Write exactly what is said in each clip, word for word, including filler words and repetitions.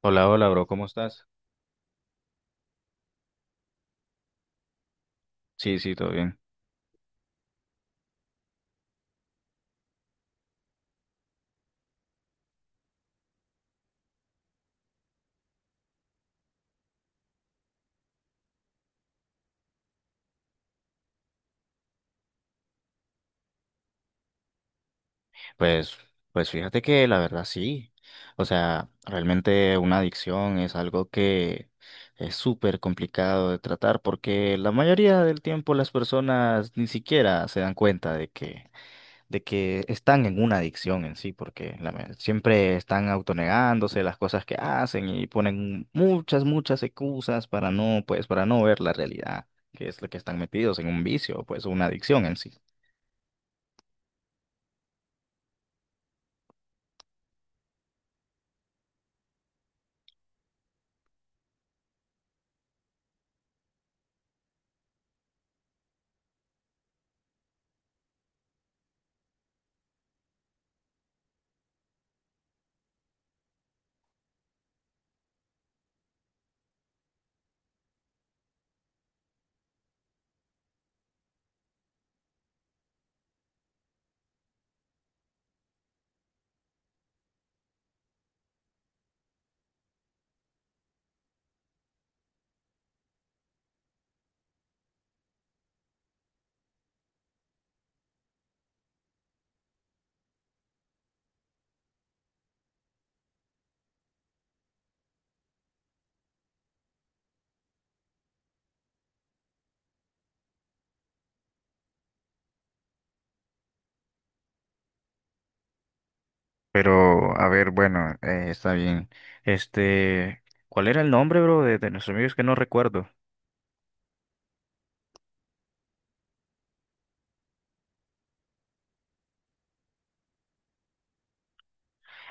Hola, hola, bro, ¿cómo estás? Sí, sí, todo bien. Pues, pues fíjate que la verdad sí. O sea, realmente una adicción es algo que es súper complicado de tratar porque la mayoría del tiempo las personas ni siquiera se dan cuenta de que, de que están en una adicción en sí, porque la ma- siempre están autonegándose las cosas que hacen y ponen muchas, muchas excusas para no, pues, para no ver la realidad, que es lo que están metidos en un vicio, pues una adicción en sí. Pero, a ver, bueno, eh, está bien. Este, ¿cuál era el nombre, bro, de, de nuestros amigos que no recuerdo?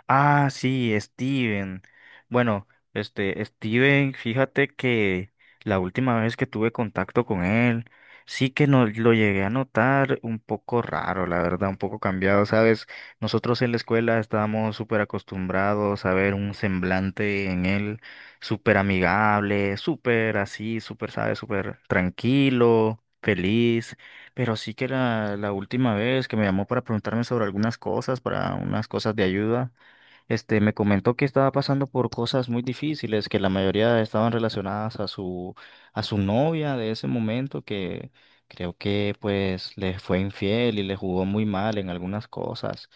Ah, sí, Steven. Bueno, este, Steven, fíjate que la última vez que tuve contacto con él, sí que no, lo llegué a notar un poco raro, la verdad, un poco cambiado, ¿sabes? Nosotros en la escuela estábamos súper acostumbrados a ver un semblante en él súper amigable, súper así, súper, ¿sabes? Súper tranquilo, feliz. Pero sí que la, la última vez que me llamó para preguntarme sobre algunas cosas, para unas cosas de ayuda. Este, me comentó que estaba pasando por cosas muy difíciles, que la mayoría estaban relacionadas a su, a su novia de ese momento, que creo que pues le fue infiel y le jugó muy mal en algunas cosas.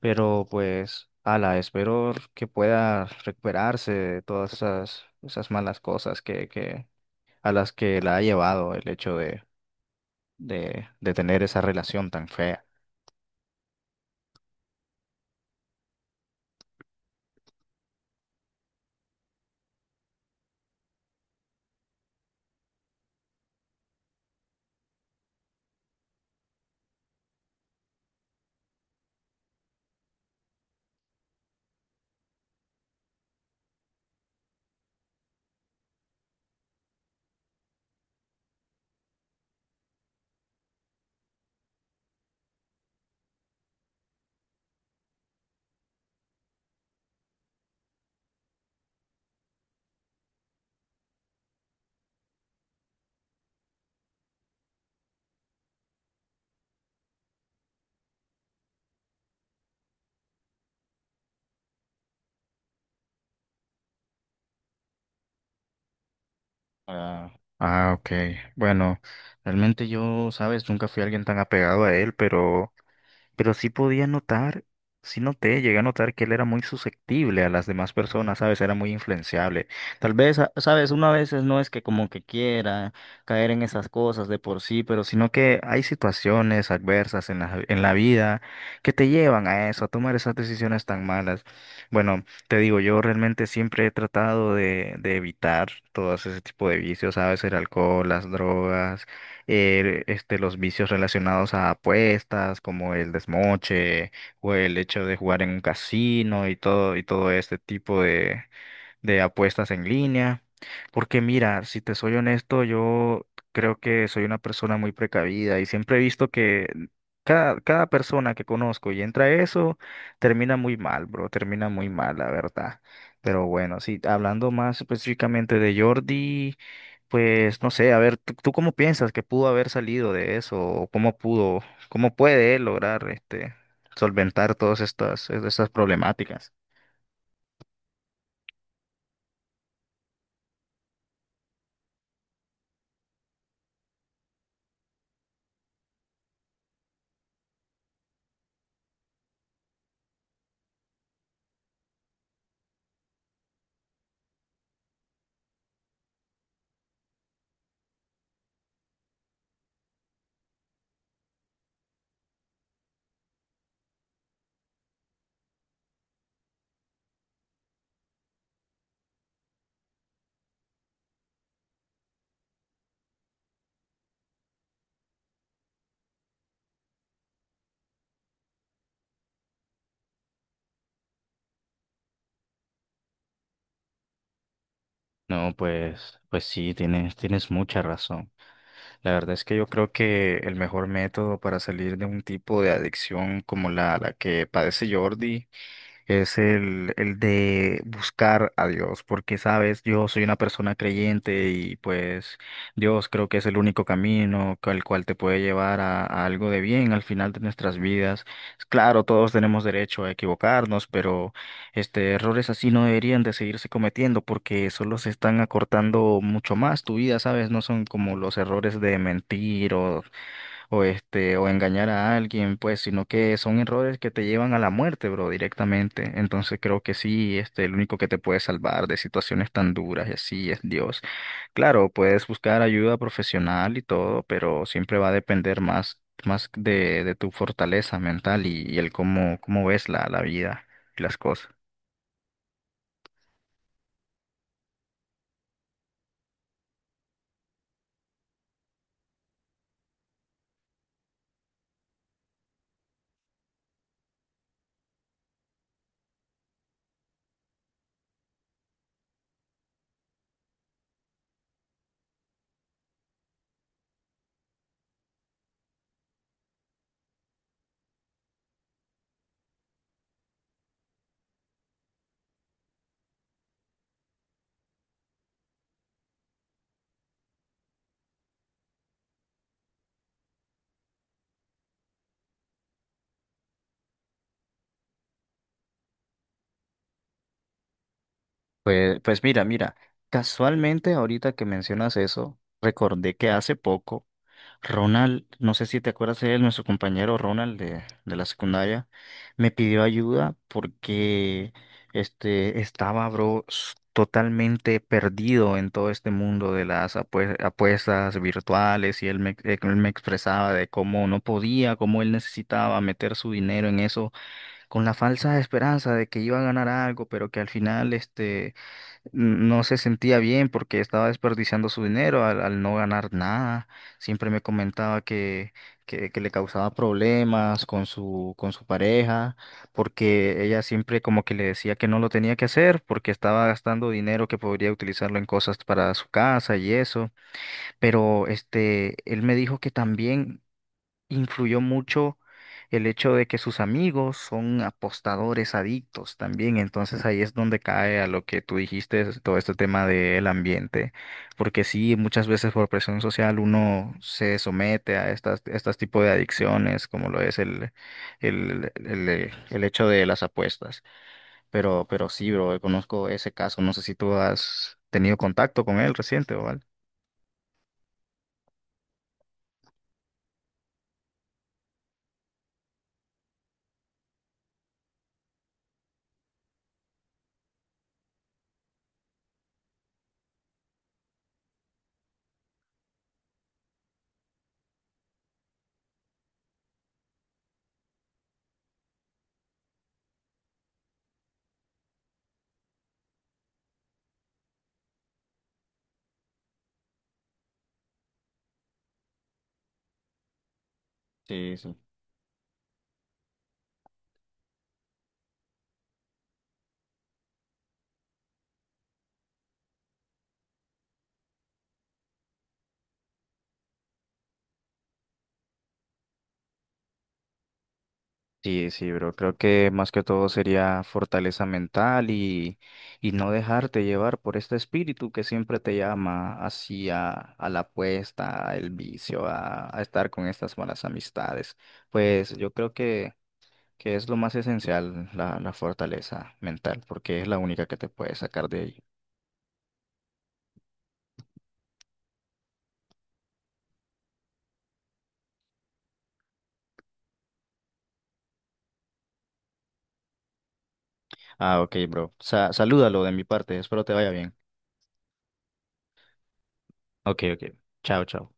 Pero pues, ala, espero que pueda recuperarse de todas esas, esas malas cosas que, que, a las que la ha llevado el hecho de, de, de tener esa relación tan fea. Ah, ah, ok. Bueno, realmente yo, sabes, nunca fui alguien tan apegado a él, pero pero sí podía notar, sí noté, llegué a notar que él era muy susceptible a las demás personas, ¿sabes? Era muy influenciable. Tal vez, a- ¿sabes? Una veces no es que como que quiera caer en esas cosas de por sí, pero sino que hay situaciones adversas en la, en la vida que te llevan a eso, a tomar esas decisiones tan malas. Bueno, te digo, yo realmente siempre he tratado de, de evitar todo ese tipo de vicios, ¿sabes? El alcohol, las drogas eh, este, los vicios relacionados a apuestas, como el desmoche o el hecho de jugar en un casino y todo, y todo este tipo de, de apuestas en línea. Porque mira, si te soy honesto, yo creo que soy una persona muy precavida y siempre he visto que cada, cada persona que conozco y entra a eso, termina muy mal, bro, termina muy mal, la verdad. Pero bueno, sí, hablando más específicamente de Jordi. Pues no sé, a ver, ¿tú, tú cómo piensas que pudo haber salido de eso? ¿O cómo pudo, cómo puede él lograr este solventar todas estas, estas problemáticas? No, pues, pues sí, tienes, tienes mucha razón. La verdad es que yo creo que el mejor método para salir de un tipo de adicción como la, la que padece Jordi es el, el de buscar a Dios, porque sabes, yo soy una persona creyente y pues Dios creo que es el único camino al cual te puede llevar a, a algo de bien al final de nuestras vidas. Claro, todos tenemos derecho a equivocarnos, pero este errores así no deberían de seguirse cometiendo porque solo se están acortando mucho más tu vida, sabes, no son como los errores de mentir o o este, o engañar a alguien, pues, sino que son errores que te llevan a la muerte, bro, directamente. Entonces creo que sí, este, el único que te puede salvar de situaciones tan duras y así es Dios. Claro, puedes buscar ayuda profesional y todo, pero siempre va a depender más, más de, de tu fortaleza mental y, y el cómo, cómo ves la, la vida y las cosas. Pues, pues mira, mira, casualmente ahorita que mencionas eso, recordé que hace poco Ronald, no sé si te acuerdas de él, nuestro compañero Ronald de, de la secundaria, me pidió ayuda porque este estaba, bro, s- totalmente perdido en todo este mundo de las apue- apuestas virtuales y él me, eh, él me expresaba de cómo no podía, cómo él necesitaba meter su dinero en eso con la falsa esperanza de que iba a ganar algo, pero que al final este no se sentía bien porque estaba desperdiciando su dinero al, al no ganar nada. Siempre me comentaba que, que, que le causaba problemas con su, con su pareja, porque ella siempre como que le decía que no lo tenía que hacer, porque estaba gastando dinero que podría utilizarlo en cosas para su casa y eso. Pero este, él me dijo que también influyó mucho el hecho de que sus amigos son apostadores adictos también. Entonces ahí es donde cae a lo que tú dijiste, es todo este tema del ambiente. Porque sí, muchas veces por presión social uno se somete a estas, estas tipos de adicciones, como lo es el, el, el, eh, el hecho de las apuestas. Pero, pero sí, bro, conozco ese caso. No sé si tú has tenido contacto con él reciente o algo. Sí, sí, bro. Creo que más que todo sería fortaleza mental y, y no dejarte llevar por este espíritu que siempre te llama hacia a la apuesta, el vicio, a, a estar con estas malas amistades. Pues yo creo que, que es lo más esencial, la, la fortaleza mental, porque es la única que te puede sacar de ahí. Ah, ok, bro. Sa- salúdalo de mi parte. Espero te vaya bien. Ok, ok. Chao, chao.